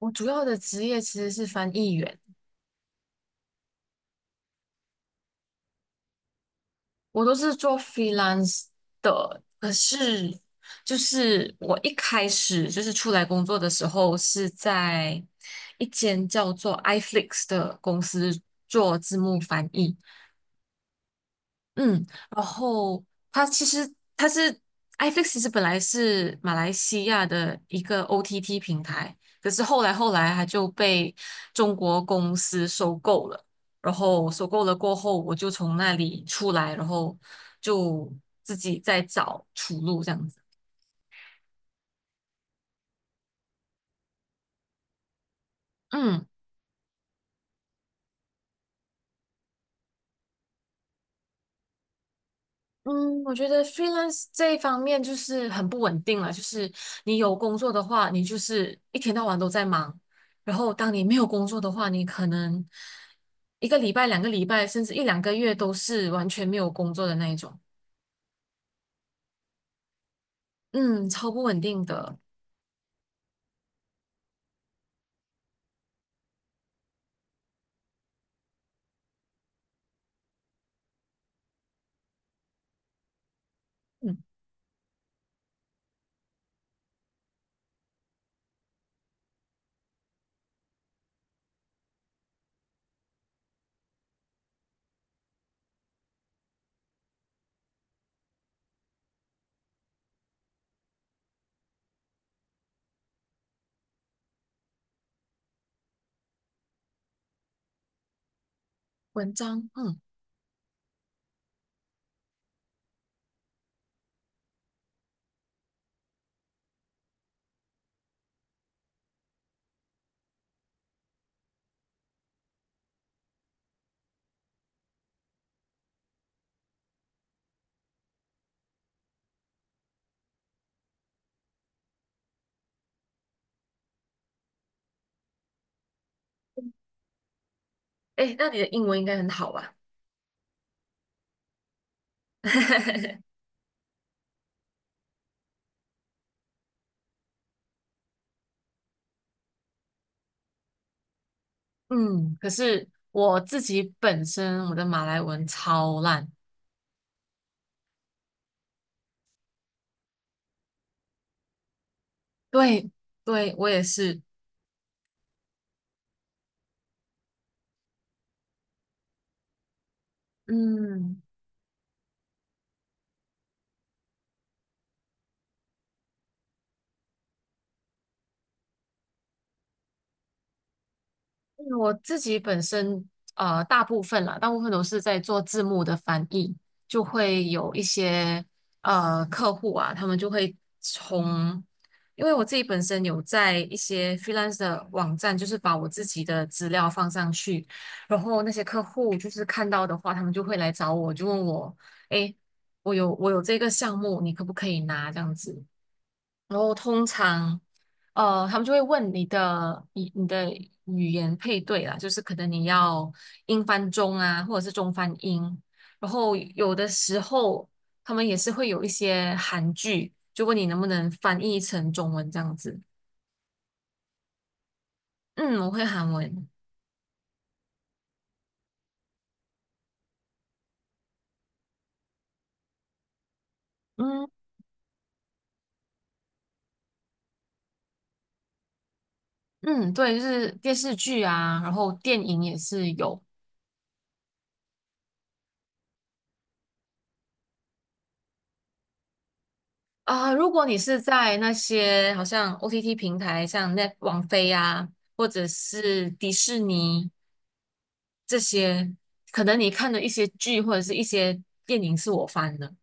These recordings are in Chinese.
我主要的职业其实是翻译员，我都是做 freelance 的。可是，就是我一开始就是出来工作的时候，是在一间叫做 iFlix 的公司做字幕翻译。嗯，然后它其实它是 i f i x 其实本来是马来西亚的一个 OTT 平台，可是后来它就被中国公司收购了，然后收购了过后，我就从那里出来，然后就自己在找出路这样子。嗯。嗯，我觉得 freelance 这一方面就是很不稳定了。就是你有工作的话，你就是一天到晚都在忙；然后当你没有工作的话，你可能一个礼拜、2个礼拜，甚至一两个月都是完全没有工作的那一种。嗯，超不稳定的。嗯，文章，嗯，诶，那你的英文应该很好吧？嗯，可是我自己本身我的马来文超烂。对，对，我也是。嗯。嗯我自己本身大部分啦，大部分都是在做字幕的翻译，就会有一些客户啊，他们就会从，因为我自己本身有在一些 freelance 的网站，就是把我自己的资料放上去，然后那些客户就是看到的话，他们就会来找我，就问我，诶，我有这个项目，你可不可以拿这样子？然后通常，他们就会问你的你的语言配对啦，就是可能你要英翻中啊，或者是中翻英。然后有的时候他们也是会有一些韩剧，就问你能不能翻译成中文这样子。嗯，我会韩文。嗯嗯，对，就是电视剧啊，然后电影也是有。啊，如果你是在那些好像 OTT 平台，像 Net 网飞啊，或者是迪士尼这些，可能你看的一些剧或者是一些电影是我翻的。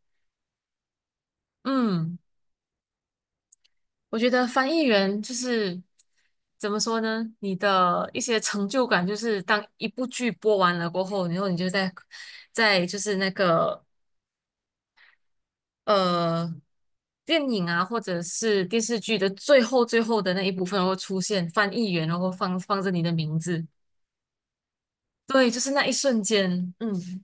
嗯，我觉得翻译员就是怎么说呢？你的一些成就感就是当一部剧播完了过后，然后你就在就是那个呃电影啊，或者是电视剧的最后的那一部分然后出现翻译员，然后放着你的名字。对，就是那一瞬间，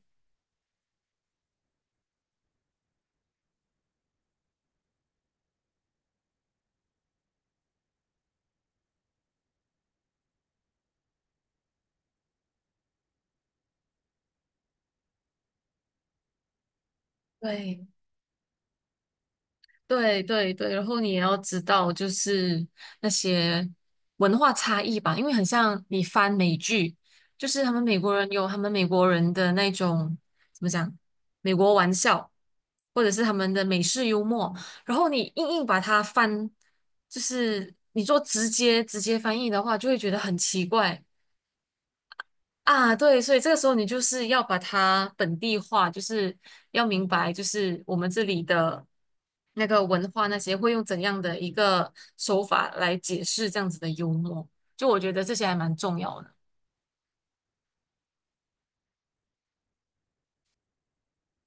对。对对对，然后你也要知道，就是那些文化差异吧，因为很像你翻美剧，就是他们美国人有他们美国人的那种怎么讲，美国玩笑，或者是他们的美式幽默，然后你硬硬把它翻，就是你做直接翻译的话，就会觉得很奇怪，啊，对，所以这个时候你就是要把它本地化，就是要明白，就是我们这里的那个文化那些会用怎样的一个手法来解释这样子的幽默，就我觉得这些还蛮重要的。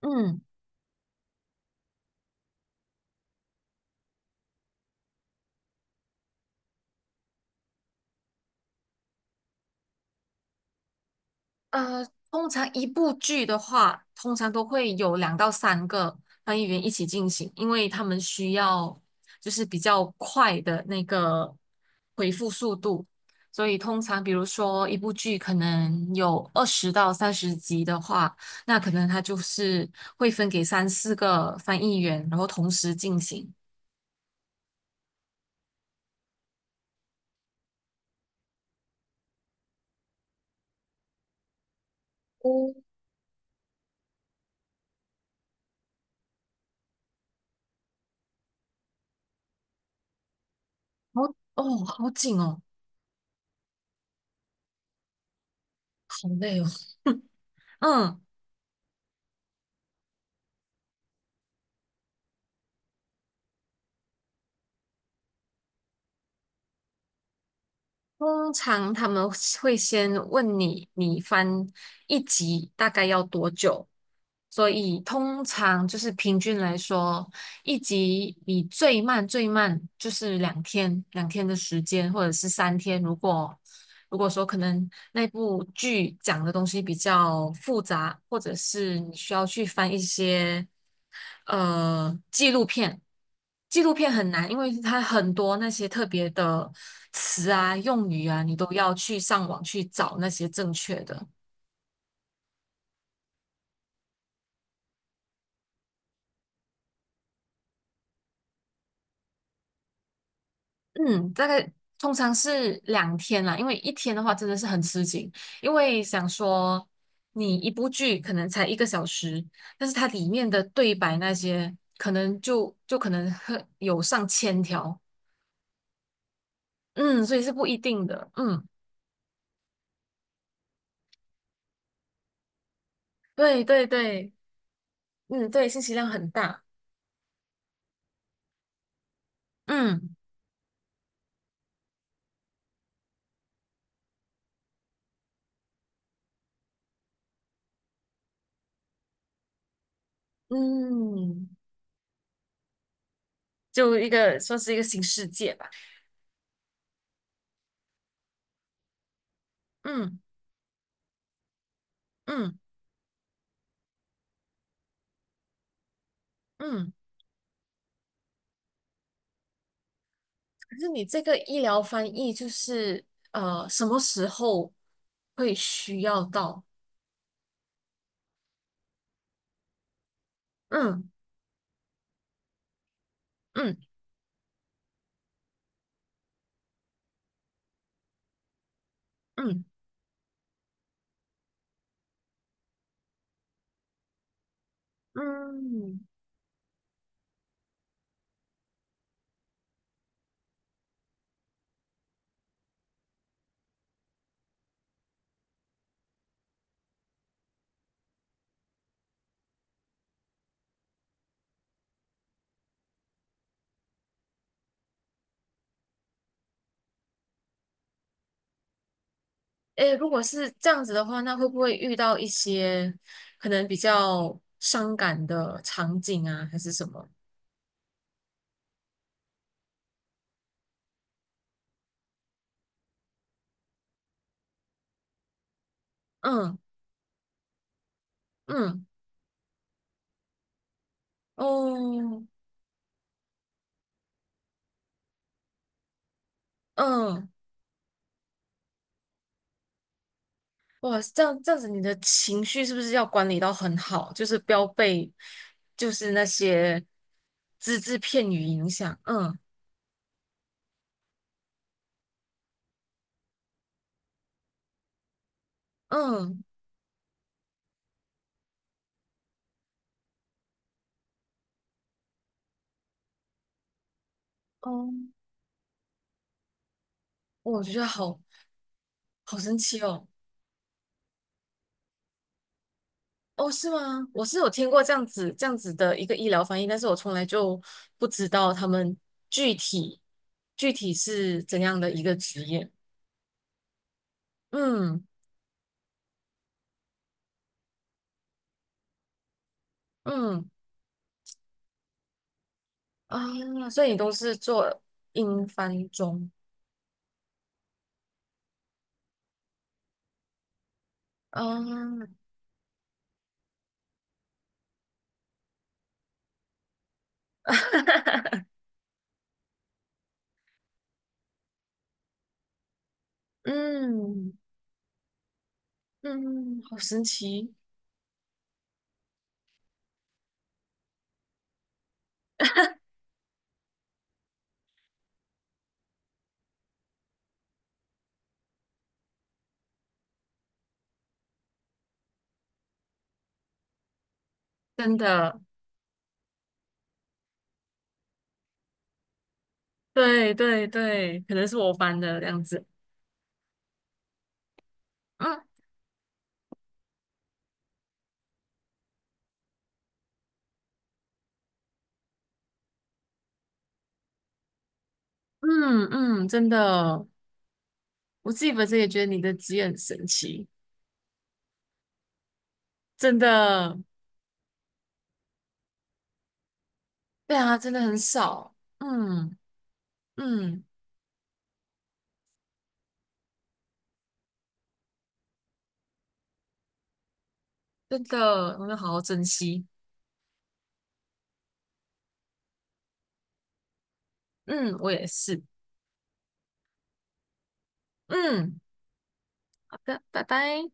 嗯。呃，通常一部剧的话，通常都会有2到3个翻译员一起进行，因为他们需要就是比较快的那个回复速度，所以通常比如说一部剧可能有20到30集的话，那可能它就是会分给三四个翻译员，然后同时进行。哦，好哦，好紧哦，好累哦。嗯，通常他们会先问你，你翻一集大概要多久？所以通常就是平均来说，一集你最慢最慢就是两天，两天的时间，或者是3天。如果说可能那部剧讲的东西比较复杂，或者是你需要去翻一些纪录片，纪录片很难，因为它很多那些特别的词啊、用语啊，你都要去上网去找那些正确的。嗯，大概通常是两天啦，因为一天的话真的是很吃紧，因为想说你一部剧可能才一个小时，但是它里面的对白那些可能就可能有上千条，嗯，所以是不一定的，嗯，对对对，嗯对，信息量很大，嗯嗯，就一个算是一个新世界吧，嗯嗯嗯。可是你这个医疗翻译就是什么时候会需要到？嗯嗯嗯嗯，诶，如果是这样子的话，那会不会遇到一些可能比较伤感的场景啊，还是什么？嗯嗯哦嗯，哇，这样子，你的情绪是不是要管理到很好？就是不要被就是那些只字片语影响。嗯嗯。哦哦我觉得好神奇哦！哦，是吗？我是有听过这样子的一个医疗翻译，但是我从来就不知道他们具体具体是怎样的一个职业。嗯嗯啊，所以你都是做英翻中啊？嗯嗯，好神奇，真的，对对对，可能是我翻的这样子。嗯嗯嗯，真的哦，我自己本身也觉得你的职业很神奇。真的，对啊，真的很少。嗯嗯，真的，我们要好好珍惜。嗯，我也是。嗯，好的，拜拜。